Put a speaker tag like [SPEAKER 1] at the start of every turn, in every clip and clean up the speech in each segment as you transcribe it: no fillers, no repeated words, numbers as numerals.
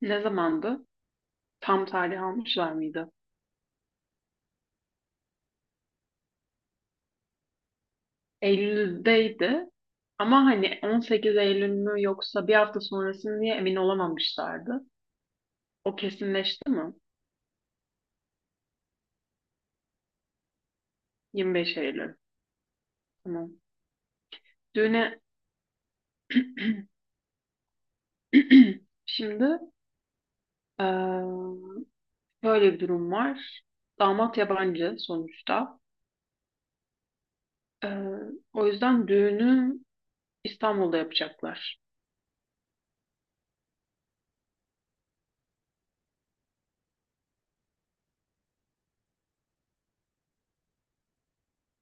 [SPEAKER 1] Ne zamandı? Tam tarih almışlar mıydı? Eylül'deydi. Ama hani 18 Eylül mü yoksa bir hafta sonrası mı diye emin olamamışlardı. O kesinleşti mi? 25 Eylül. Tamam. Düğüne şimdi eee böyle bir durum var. Damat yabancı sonuçta. Eee, o yüzden düğünü İstanbul'da yapacaklar.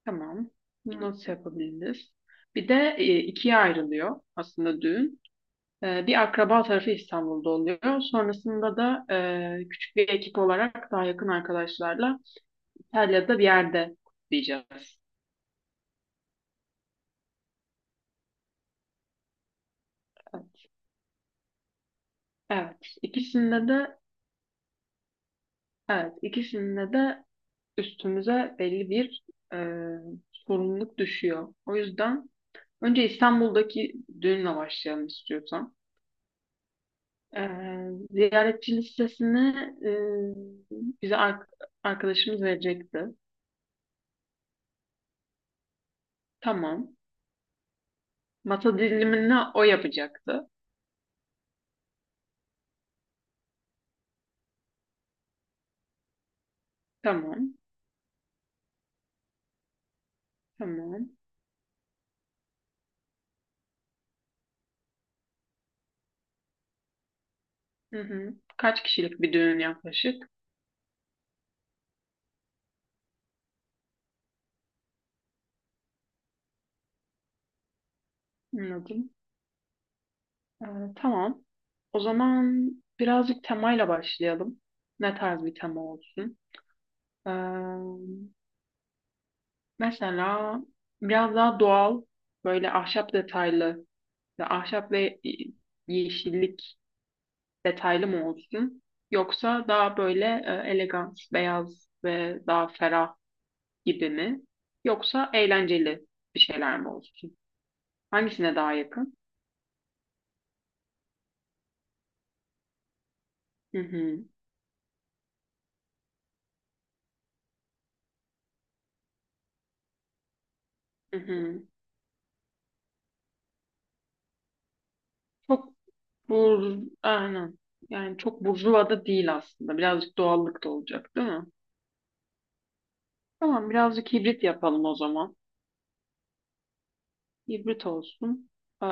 [SPEAKER 1] Tamam. Bunu nasıl yapabiliriz? Bir de ikiye ayrılıyor aslında düğün. Bir akraba tarafı İstanbul'da oluyor. Sonrasında da küçük bir ekip olarak daha yakın arkadaşlarla İtalya'da bir yerde kutlayacağız. Evet, ikisinde de evet, ikisinde de üstümüze belli bir e, sorumluluk düşüyor. O yüzden önce İstanbul'daki düğünle başlayalım istiyorsan. E, ziyaretçi listesini e, bize arkadaşımız verecekti. Tamam. Masa dilimini o yapacaktı. Tamam. Tamam. Hı hı. Kaç kişilik bir düğün yaklaşık? Anladım. Ee, tamam. O zaman birazcık temayla başlayalım. Ne tarz bir tema olsun? Ee, mesela biraz daha doğal, böyle ahşap detaylı ve ahşap ve yeşillik detaylı mı olsun? Yoksa daha böyle elegans, beyaz ve daha ferah gibi mi? Yoksa eğlenceli bir şeyler mi olsun? Hangisine daha yakın? Hı hı, hı hı. Çok bur, aynen. Yani çok burjuva da değil aslında. Birazcık doğallık da olacak, değil mi? Tamam, birazcık hibrit yapalım o zaman. Hibrit olsun. Ee,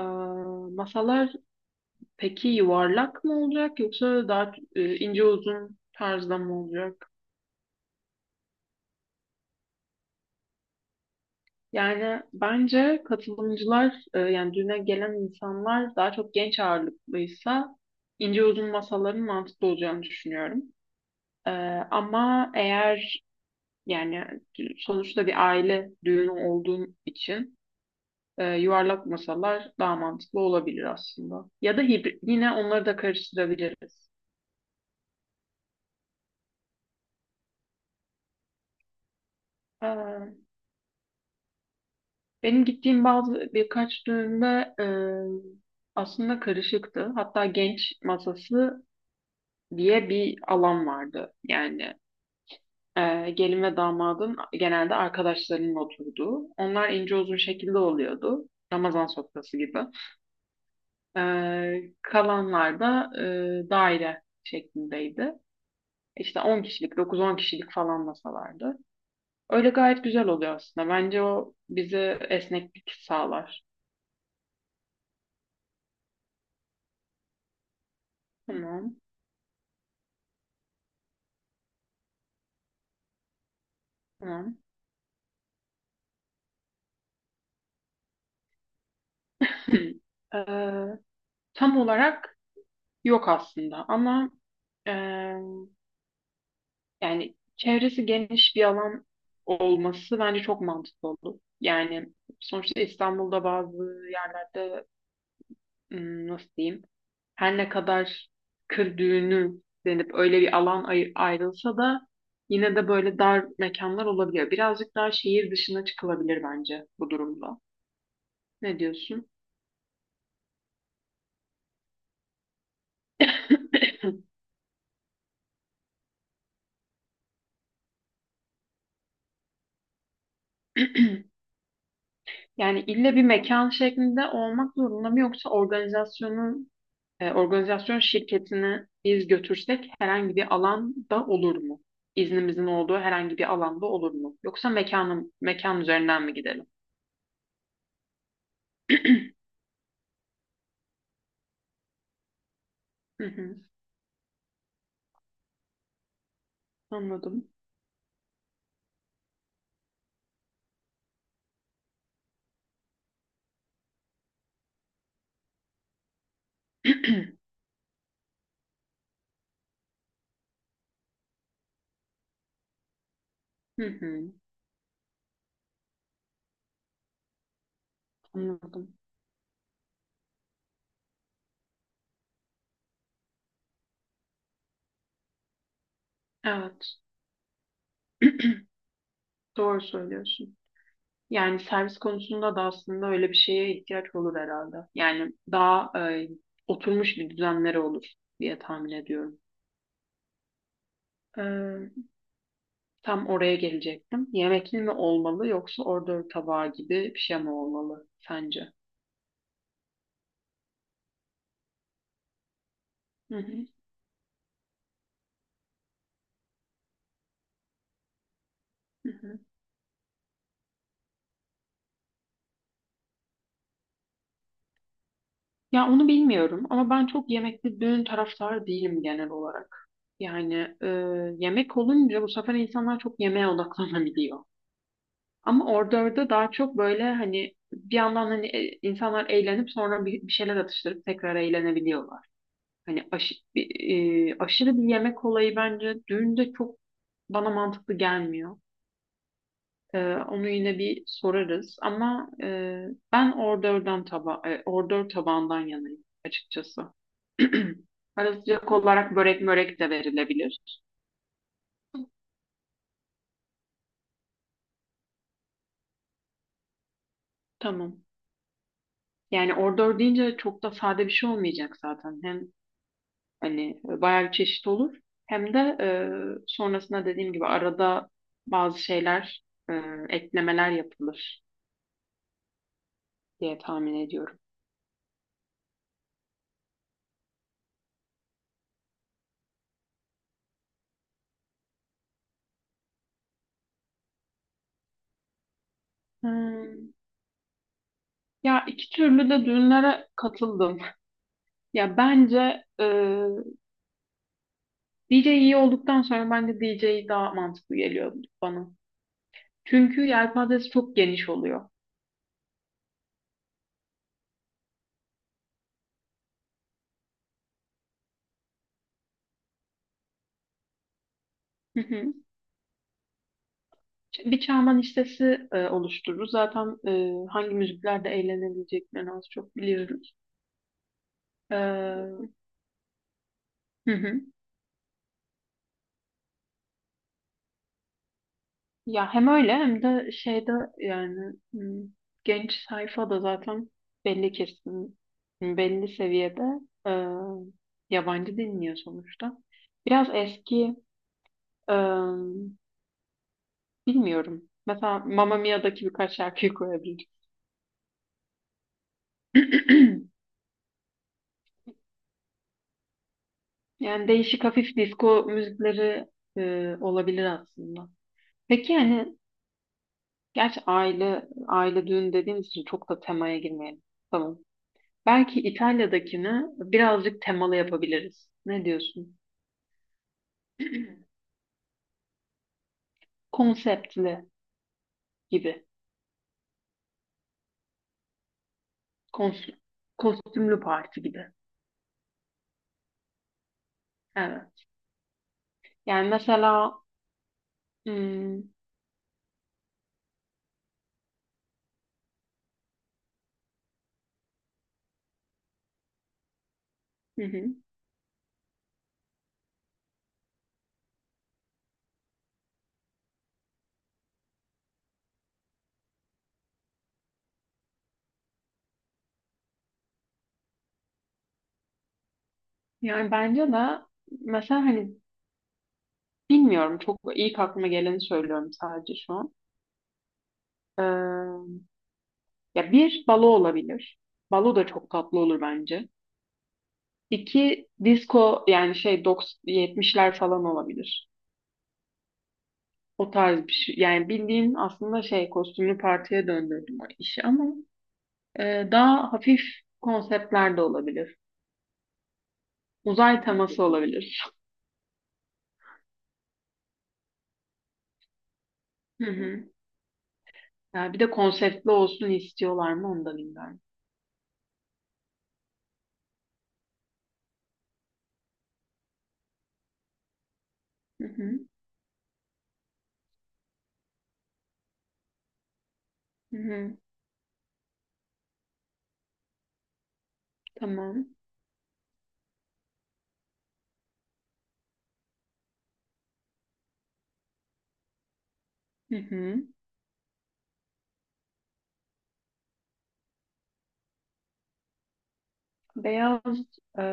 [SPEAKER 1] masalar peki yuvarlak mı olacak yoksa daha ince uzun tarzda mı olacak? Yani bence katılımcılar yani düğüne gelen insanlar daha çok genç ağırlıklıysa ince uzun masaların mantıklı olacağını düşünüyorum. Ee, ama eğer yani sonuçta bir aile düğünü olduğun için yuvarlak masalar daha mantıklı olabilir aslında. Ya da hibrit. Yine onları da karıştırabiliriz. Ee, benim gittiğim bazı birkaç düğünde aslında karışıktı. Hatta genç masası diye bir alan vardı. Yani gelin ve damadın genelde arkadaşlarının oturduğu. Onlar ince uzun şekilde oluyordu. Ramazan sofrası gibi. Kalanlar da daire şeklindeydi. İşte 10 kişilik, 9-10 kişilik falan masalardı. Öyle gayet güzel oluyor aslında. Bence o bize esneklik sağlar. Tamam, tamam. Ee, tam olarak yok aslında ama e, yani çevresi geniş bir alan olması bence çok mantıklı olur. Yani sonuçta İstanbul'da bazı yerlerde nasıl diyeyim her ne kadar kır düğünü denip öyle bir alan ayrılsa da yine de böyle dar mekanlar olabiliyor. Birazcık daha şehir dışına çıkılabilir bence bu durumda. Ne diyorsun? Yani ille bir mekan şeklinde olmak zorunda mı yoksa organizasyonun organizasyon şirketini biz götürsek herhangi bir alanda olur mu? İznimizin olduğu herhangi bir alanda olur mu? Yoksa mekanın mekan üzerinden mi gidelim? Hı hı, anladım. Hı hı, anladım. Evet, doğru söylüyorsun. Yani servis konusunda da aslında öyle bir şeye ihtiyaç olur herhalde. Yani daha oturmuş bir düzenleri olur diye tahmin ediyorum. Ee, tam oraya gelecektim. Yemekli mi olmalı yoksa order tabağı gibi bir şey mi olmalı sence? Hı hı, hı hı. Ya onu bilmiyorum ama ben çok yemekli düğün taraftarı değilim genel olarak. Yani e, yemek olunca bu sefer insanlar çok yemeğe odaklanabiliyor. Ama orada daha çok böyle hani bir yandan hani insanlar eğlenip sonra bir şeyler atıştırıp tekrar eğlenebiliyorlar. Hani aşırı bir yemek olayı bence düğünde çok bana mantıklı gelmiyor. Onu yine bir sorarız ama ben ordör tabağından yanayım açıkçası. Ara sıcak olarak börek mörek de verilebilir. Tamam. Yani ordör deyince çok da sade bir şey olmayacak zaten. Hem hani bayağı bir çeşit olur. Hem de sonrasında dediğim gibi arada bazı şeyler, e, eklemeler yapılır diye tahmin ediyorum. Hmm. Ya iki türlü de düğünlere katıldım. Ya bence DJ iyi olduktan sonra bence DJ daha mantıklı geliyor bana. Çünkü yelpazesi çok geniş oluyor. Hı hı. Bir Çağman listesi oluştururuz. Zaten hangi müziklerde eğlenebileceklerini az çok biliyoruz. E, hı hı. Ya hem öyle hem de şeyde yani genç sayfa da zaten belli kesin belli seviyede e, yabancı dinliyor sonuçta. Biraz eski e, bilmiyorum. Mesela Mamma Mia'daki birkaç şarkıyı koyabilirim. Yani değişik hafif disco müzikleri olabilir aslında. Peki yani gerçi aile aile düğün dediğimiz için çok da temaya girmeyelim. Tamam. Belki İtalya'dakini birazcık temalı yapabiliriz. Ne diyorsun? Konseptli gibi. Kons- kostümlü parti gibi. Evet. Yani mesela hmm, hı hı. Yani bence de mesela hani bilmiyorum çok ilk aklıma geleni söylüyorum sadece şu an. Ee, ya bir balo olabilir. Balo da çok tatlı olur bence. İki disco yani şey 90 70'ler falan olabilir. O tarz bir şey. Yani bildiğin aslında şey kostümlü partiye döndürdüm o işi ama daha hafif konseptler de olabilir. Uzay teması olabilir. Hı hı. Yani bir de konseptli olsun istiyorlar mı onu da bilmiyorum. Hı hı. Hı hı. Tamam. Hı hı. Beyaz, e,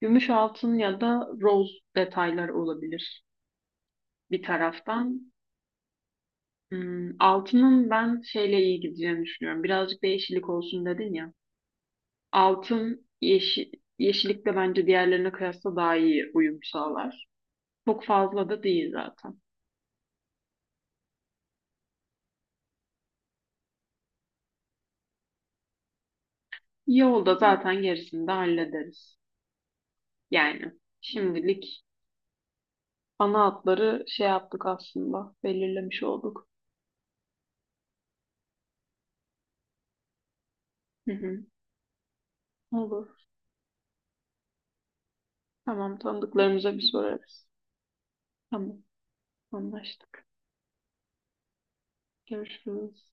[SPEAKER 1] gümüş altın ya da roz detayları olabilir bir taraftan. Altının ben şeyle iyi gideceğini düşünüyorum. Birazcık da yeşillik olsun dedin ya. Altın yeşil, yeşillik de bence diğerlerine kıyasla daha iyi uyum sağlar. Çok fazla da değil zaten. Yolda zaten gerisini de hallederiz. Yani şimdilik ana hatları şey yaptık aslında. Belirlemiş olduk. Hı hı, olur. Tamam tanıdıklarımıza bir sorarız. Tamam anlaştık. Görüşürüz.